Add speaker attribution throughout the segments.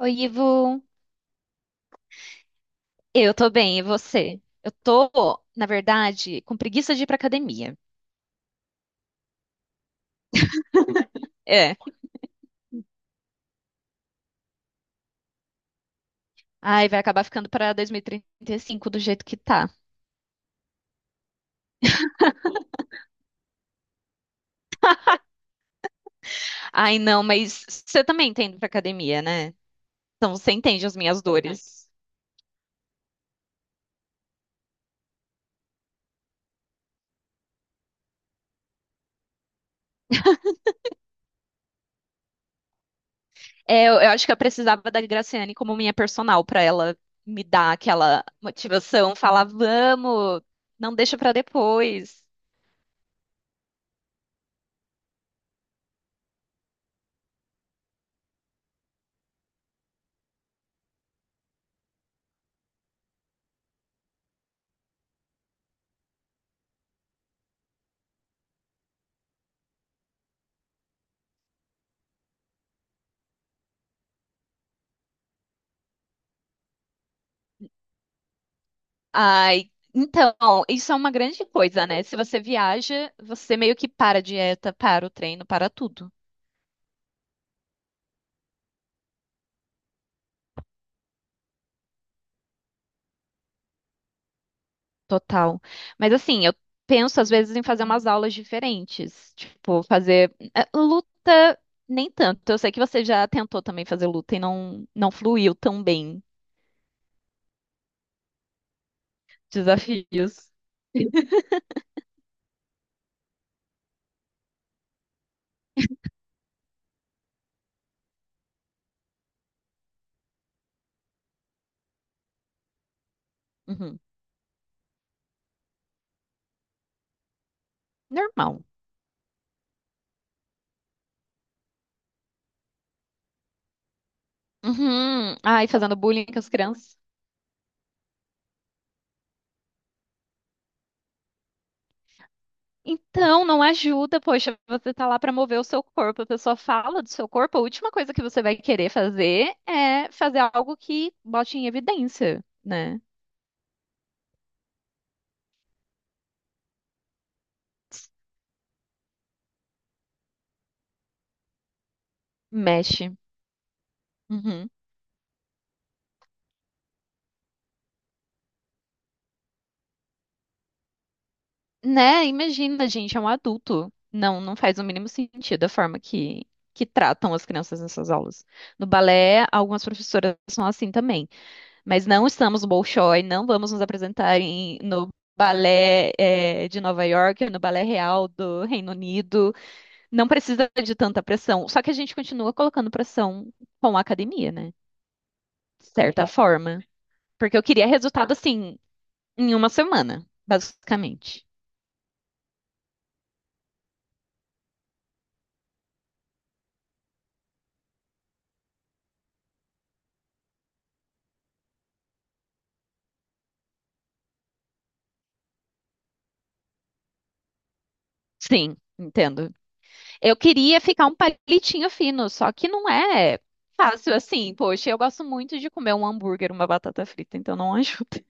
Speaker 1: Oi, Ivo. Eu tô bem, e você? Na verdade, com preguiça de ir pra academia. É. Ai, vai acabar ficando pra 2035 do jeito que tá. Ai, não, mas você também tá indo pra academia, né? Então você entende as minhas dores. É, eu acho que eu precisava da Graciane como minha personal pra ela me dar aquela motivação, falar, vamos, não deixa pra depois. Ai, então, isso é uma grande coisa, né? Se você viaja, você meio que para a dieta, para o treino, para tudo. Total. Mas assim, eu penso às vezes em fazer umas aulas diferentes. Tipo, fazer luta, nem tanto. Eu sei que você já tentou também fazer luta e não fluiu tão bem. Desafios. Uhum. Normal. Uhum. Ai, fazendo bullying com as crianças. Então, não ajuda, poxa, você tá lá pra mover o seu corpo, a pessoa fala do seu corpo, a última coisa que você vai querer fazer é fazer algo que bote em evidência, né? Mexe. Uhum. Né? Imagina, gente, é um adulto. Não faz o mínimo sentido a forma que tratam as crianças nessas aulas. No balé, algumas professoras são assim também. Mas não estamos no Bolshoi, não vamos nos apresentar no balé, de Nova York, no balé real do Reino Unido. Não precisa de tanta pressão. Só que a gente continua colocando pressão com a academia, né? De certa É. forma. Porque eu queria resultado assim, em uma semana, basicamente. Sim, entendo. Eu queria ficar um palitinho fino, só que não é fácil assim. Poxa, eu gosto muito de comer um hambúrguer, uma batata frita, então não ajuda.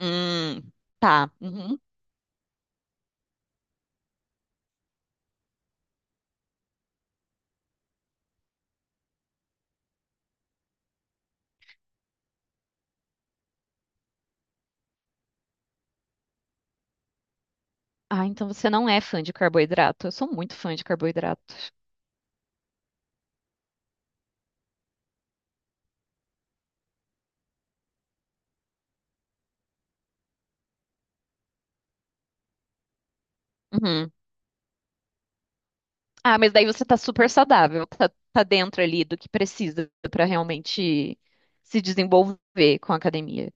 Speaker 1: Hum, tá. Uhum. Ah, então você não é fã de carboidrato. Eu sou muito fã de carboidrato. Uhum. Ah, mas daí você tá super saudável, tá dentro ali do que precisa pra realmente se desenvolver com a academia.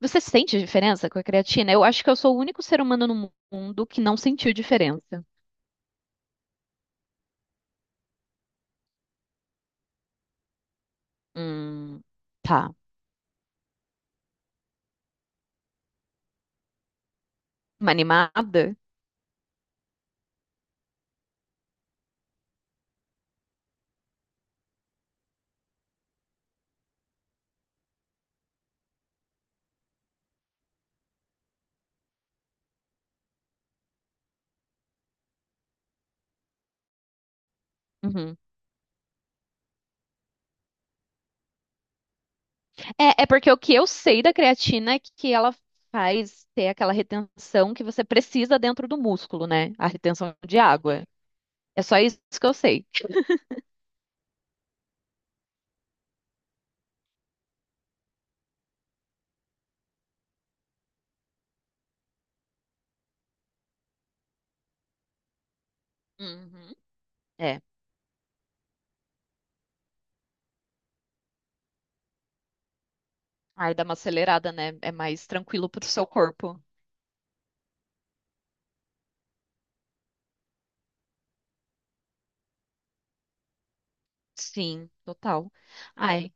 Speaker 1: Você sente diferença com a creatina? Eu acho que eu sou o único ser humano no mundo que não sentiu diferença. Hum, tá. Uma animada? Uhum. É porque o que eu sei da creatina é que ela faz ter aquela retenção que você precisa dentro do músculo, né? A retenção de água. É só isso que eu sei. Uhum. É. Ai, dá uma acelerada, né? É mais tranquilo pro seu corpo. Sim, total. Ai,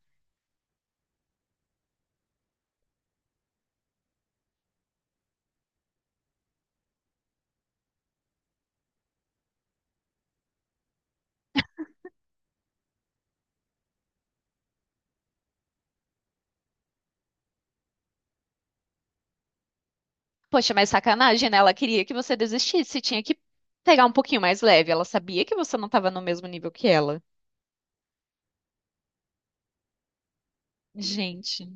Speaker 1: poxa, mas sacanagem, né? Ela queria que você desistisse, tinha que pegar um pouquinho mais leve. Ela sabia que você não estava no mesmo nível que ela. Gente,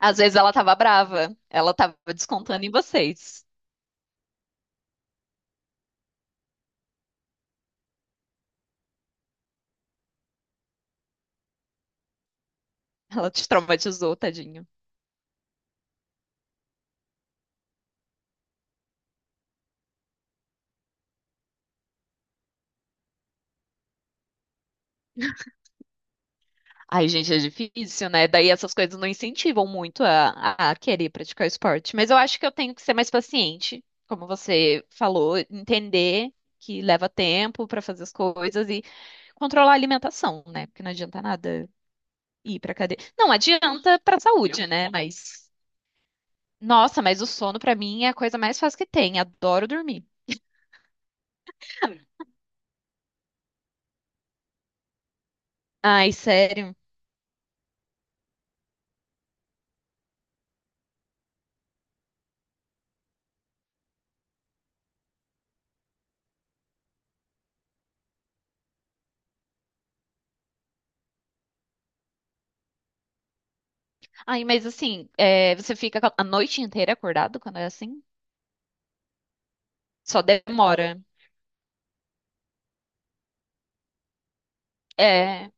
Speaker 1: às vezes ela tava brava, ela tava descontando em vocês. Ela te traumatizou, tadinho. Ai, gente, é difícil, né? Daí essas coisas não incentivam muito a querer praticar esporte. Mas eu acho que eu tenho que ser mais paciente, como você falou, entender que leva tempo pra fazer as coisas e controlar a alimentação, né? Porque não adianta nada ir pra cadeia. Não adianta pra saúde, né? Mas nossa, mas o sono pra mim é a coisa mais fácil que tem. Adoro dormir. Ai, sério. Ai, mas assim, é, você fica a noite inteira acordado quando é assim? Só demora. É.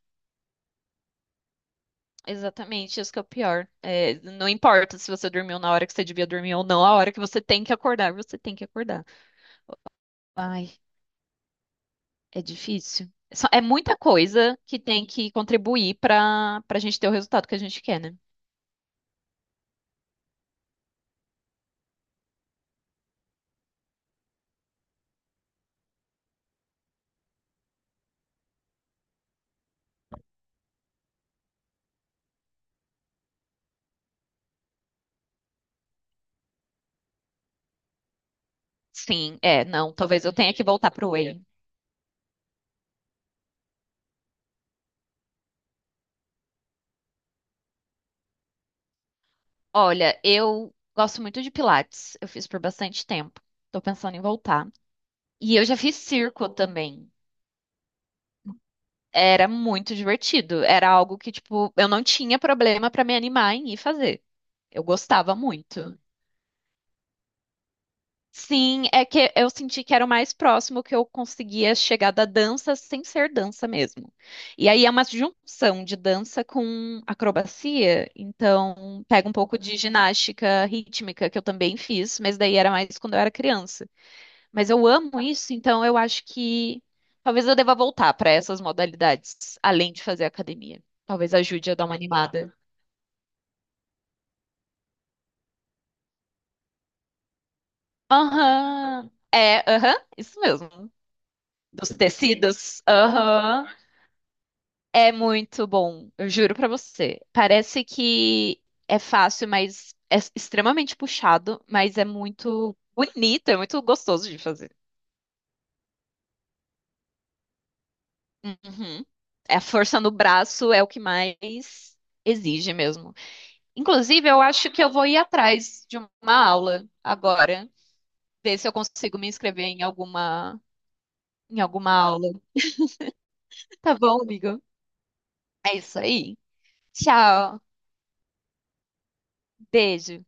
Speaker 1: Exatamente, isso que é o pior. É, não importa se você dormiu na hora que você devia dormir ou não, a hora que você tem que acordar, você tem que acordar. Ai, é difícil. É muita coisa que tem que contribuir para a gente ter o resultado que a gente quer, né? Sim, é, não, talvez eu tenha que voltar pro Whey. Olha, eu gosto muito de Pilates, eu fiz por bastante tempo. Tô pensando em voltar. E eu já fiz circo também. Era muito divertido, era algo que, tipo, eu não tinha problema para me animar em ir fazer. Eu gostava muito. Sim, é que eu senti que era o mais próximo que eu conseguia chegar da dança sem ser dança mesmo. E aí é uma junção de dança com acrobacia, então pega um pouco de ginástica rítmica que eu também fiz, mas daí era mais quando eu era criança. Mas eu amo isso, então eu acho que talvez eu deva voltar para essas modalidades, além de fazer academia. Talvez ajude a dar uma animada. Aham. É, aham, isso mesmo. Dos tecidos. Aham. É muito bom, eu juro pra você. Parece que é fácil, mas é extremamente puxado, mas é muito bonito, é muito gostoso de fazer. Uhum. A força no braço é o que mais exige mesmo. Inclusive, eu acho que eu vou ir atrás de uma aula agora, ver se eu consigo me inscrever em alguma aula. Tá bom, amigo? É isso aí. Tchau, beijo.